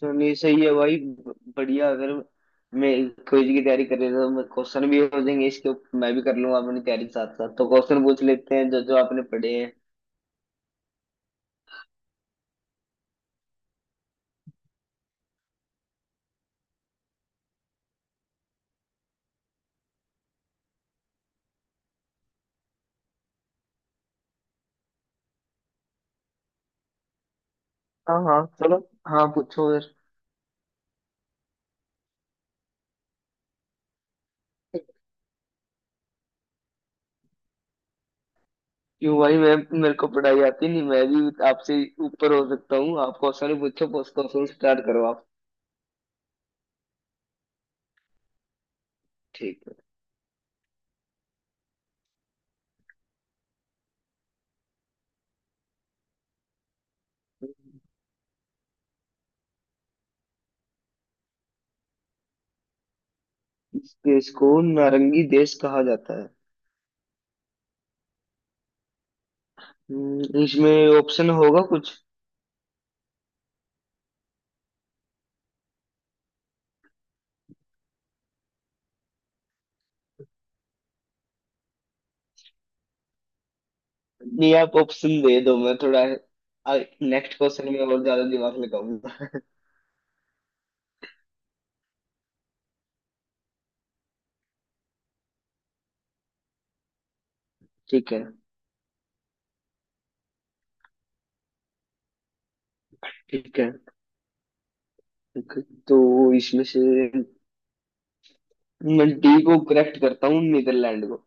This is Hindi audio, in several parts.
चलिए सही है भाई, बढ़िया। अगर मैं क्विज की तैयारी कर रही तो क्वेश्चन भी हो जाएंगे इसके ऊपर, मैं भी कर लूंगा अपनी तैयारी के साथ साथ। तो क्वेश्चन पूछ लेते हैं जो जो आपने पढ़े हैं। हाँ हाँ, चलो। हाँ, पूछो फिर। क्यों भाई, मैं मेरे को पढ़ाई आती नहीं, मैं भी आपसे ऊपर हो सकता हूँ। आप क्वेश्चन पूछो, क्वेश्चन स्टार्ट करो आप। ठीक है। इस देश को नारंगी देश कहा जाता है। इसमें ऑप्शन होगा कुछ? नहीं, आप ऑप्शन दे दो, मैं थोड़ा नेक्स्ट क्वेश्चन में और ज्यादा दिमाग लगाऊंगा। ठीक है। ठीक है। ठीक है। तो इसमें से मैं डी को करेक्ट करता हूँ, नीदरलैंड को।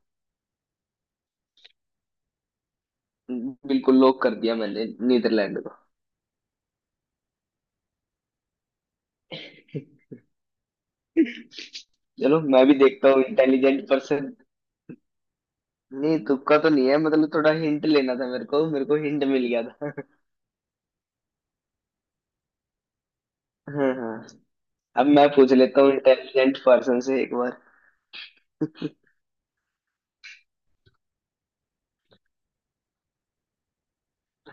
बिल्कुल लॉक कर दिया मैंने नीदरलैंड को। चलो, मैं भी देखता हूँ इंटेलिजेंट पर्सन। नहीं, तुक्का तो नहीं है, मतलब थोड़ा हिंट लेना था मेरे को, मेरे को हिंट मिल गया था। हाँ हाँ। अब मैं पूछ लेता हूँ इंटेलिजेंट पर्सन से एक बार।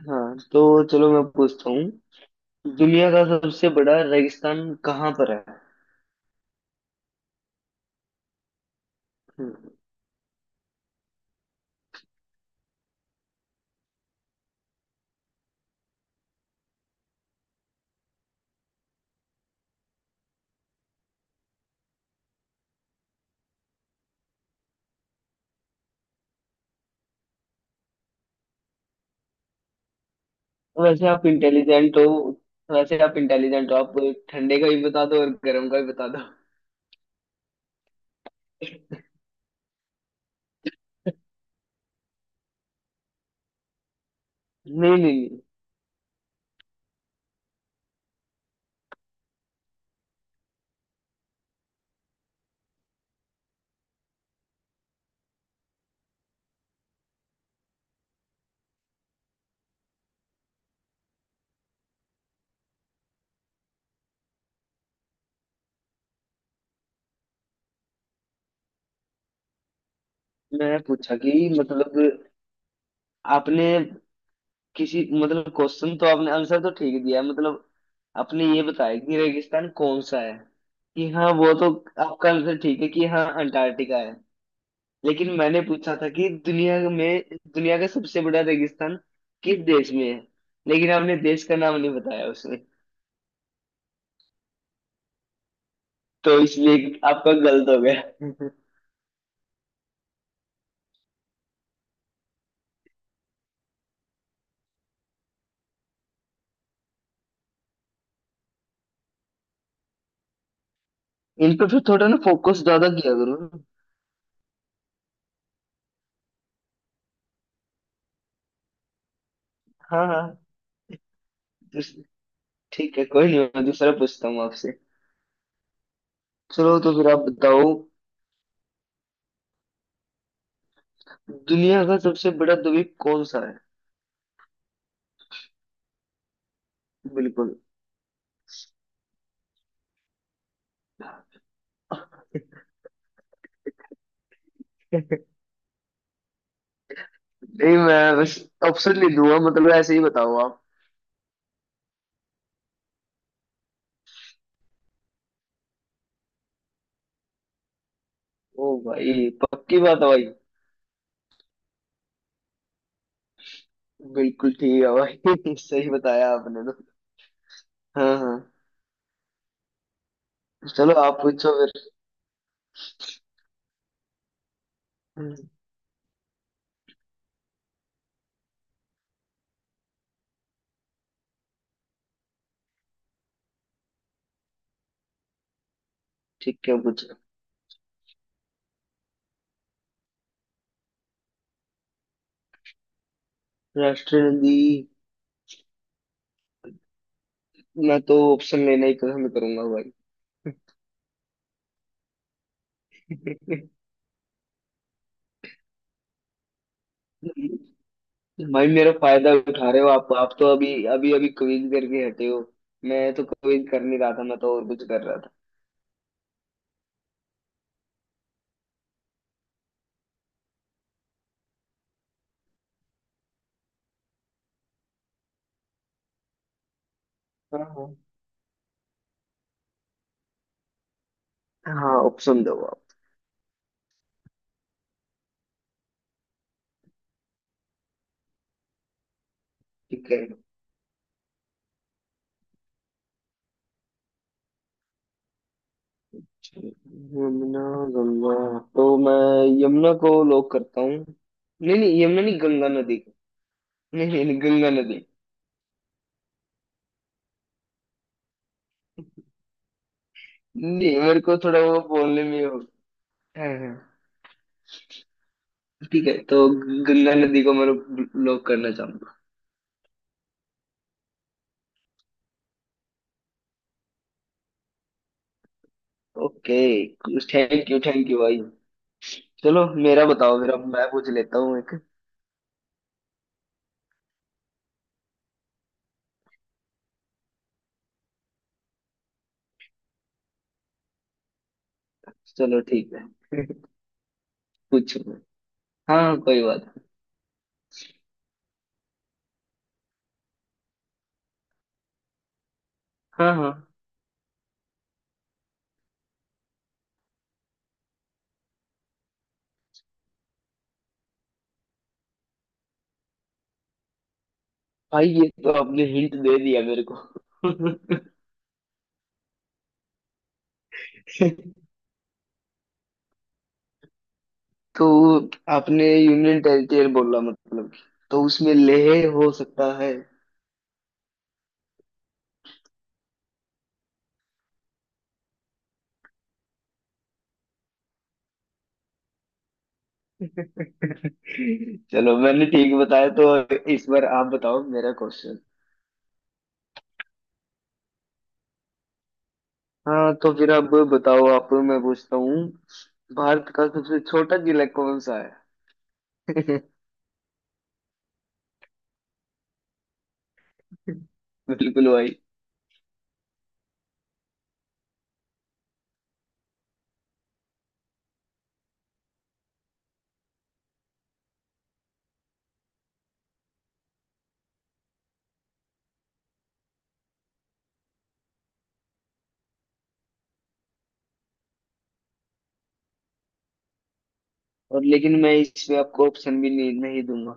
हाँ तो चलो, मैं पूछता हूँ। दुनिया का सबसे बड़ा रेगिस्तान कहाँ पर है? हम्म। वैसे आप इंटेलिजेंट हो। वैसे आप इंटेलिजेंट हो आप। ठंडे का भी बता दो और गर्म का भी बता दो। नहीं नहीं नहीं। मैं पूछा कि, मतलब आपने, किसी मतलब क्वेश्चन तो आपने आंसर तो ठीक दिया है, मतलब आपने ये बताया कि रेगिस्तान कौन सा है, कि हाँ वो तो, आपका आंसर ठीक है कि हाँ अंटार्कटिका है। लेकिन मैंने पूछा था कि दुनिया में, दुनिया का सबसे बड़ा रेगिस्तान किस देश में है, लेकिन आपने देश का नाम नहीं बताया उसमें। तो इसलिए आपका गलत हो गया। इन पे फिर थोड़ा ना फोकस ज्यादा किया करो ना। हाँ हाँ। दूस- ठीक है, कोई नहीं, मैं दूसरा पूछता हूँ आपसे। चलो तो फिर आप बताओ, दुनिया का सबसे बड़ा द्वीप कौन सा है? बिल्कुल। नहीं, मैं बस ऑप्शन ले दूंगा, मतलब ऐसे ही बताओ आप। ओ भाई, पक्की बात है भाई। बिल्कुल ठीक है भाई। सही बताया आपने तो। हाँ हाँ। चलो, आप पूछो फिर। हम्म। ठीक है, पूछो। राष्ट्रीय नदी? मैं तो ऑप्शन लेना ही पसंद करूंगा भाई। भाई मेरा फायदा उठा रहे हो आप तो अभी अभी अभी क्विज करके हटे हो। मैं तो क्विज कर नहीं रहा था, मैं तो और कुछ कर रहा था। हाँ हाँ। हाँ, ऑप्शन दो आप। ठीक है। यमुना, गंगा, तो मैं यमुना को लॉक करता हूँ। नहीं नहीं, यमुना नहीं, गंगा नदी को। नहीं नहीं नहीं, गंगा नदी। नहीं, मेरे को थोड़ा वो बोलने में हो। है है। ठीक है, तो गंगा नदी को मैं ब्लॉक करना चाहूंगा। Okay, thank you, thank you भाई। चलो, मेरा बताओ, मेरा मैं पूछ लेता हूँ एक। चलो ठीक है। पूछो। हाँ, कोई बात नहीं। हाँ हाँ। भाई, ये तो आपने हिंट दे दिया मेरे को। तो आपने यूनियन टेरिटरी बोला, मतलब कि तो उसमें लेह हो सकता है। चलो, मैंने ठीक बताया तो इस बार आप बताओ मेरा क्वेश्चन। हाँ तो फिर अब बताओ आप, मैं पूछता हूँ। भारत का सबसे छोटा जिला कौन सा है? बिल्कुल भाई। और लेकिन मैं इसमें आपको ऑप्शन भी नहीं नहीं दूंगा।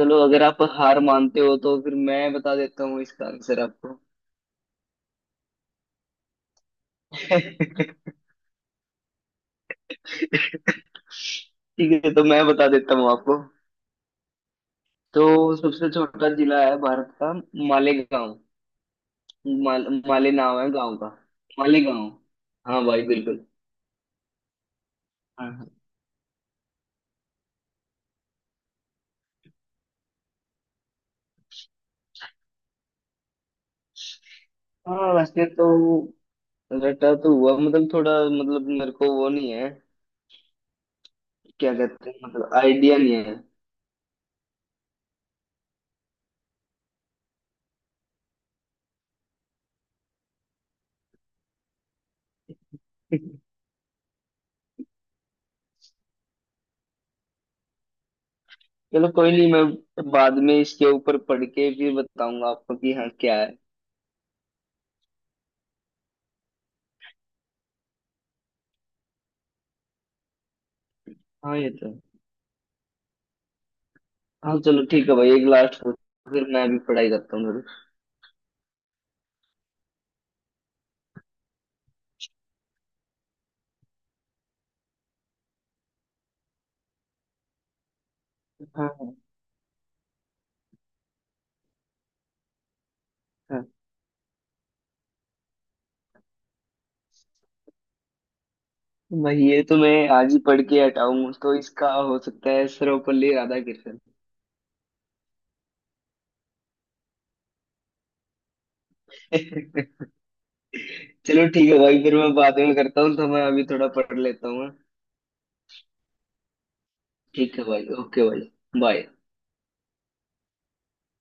चलो, अगर आप हार मानते हो तो फिर मैं बता देता हूँ इसका आंसर आपको। ठीक है, तो मैं बता देता हूँ आपको। तो सबसे छोटा जिला है भारत का मालेगांव। माले नाम है गांव का, मालेगांव। हाँ भाई, बिल्कुल। हाँ हाँ। हाँ, वैसे तो रटा तो हुआ, मतलब थोड़ा, मतलब मेरे को वो नहीं है क्या कहते हैं, मतलब आइडिया नहीं है। चलो, कोई नहीं, मैं बाद में इसके ऊपर पढ़ के फिर बताऊंगा आपको कि हाँ क्या है। हाँ, ये तो है। हाँ, चलो ठीक है भाई, एक लास्ट पूछ, फिर मैं भी पढ़ाई करता हूँ थोड़ी। हाँ हाँ। हाँ। भाई, ये तो मैं आज ही पढ़ के हटाऊं, तो इसका हो सकता है सर्वपल्ली राधाकृष्णन। चलो ठीक है भाई, फिर मैं बाद में करता हूँ, तो मैं अभी थोड़ा पढ़ लेता हूँ, हाँ? ठीक है भाई, ओके भाई, बाय।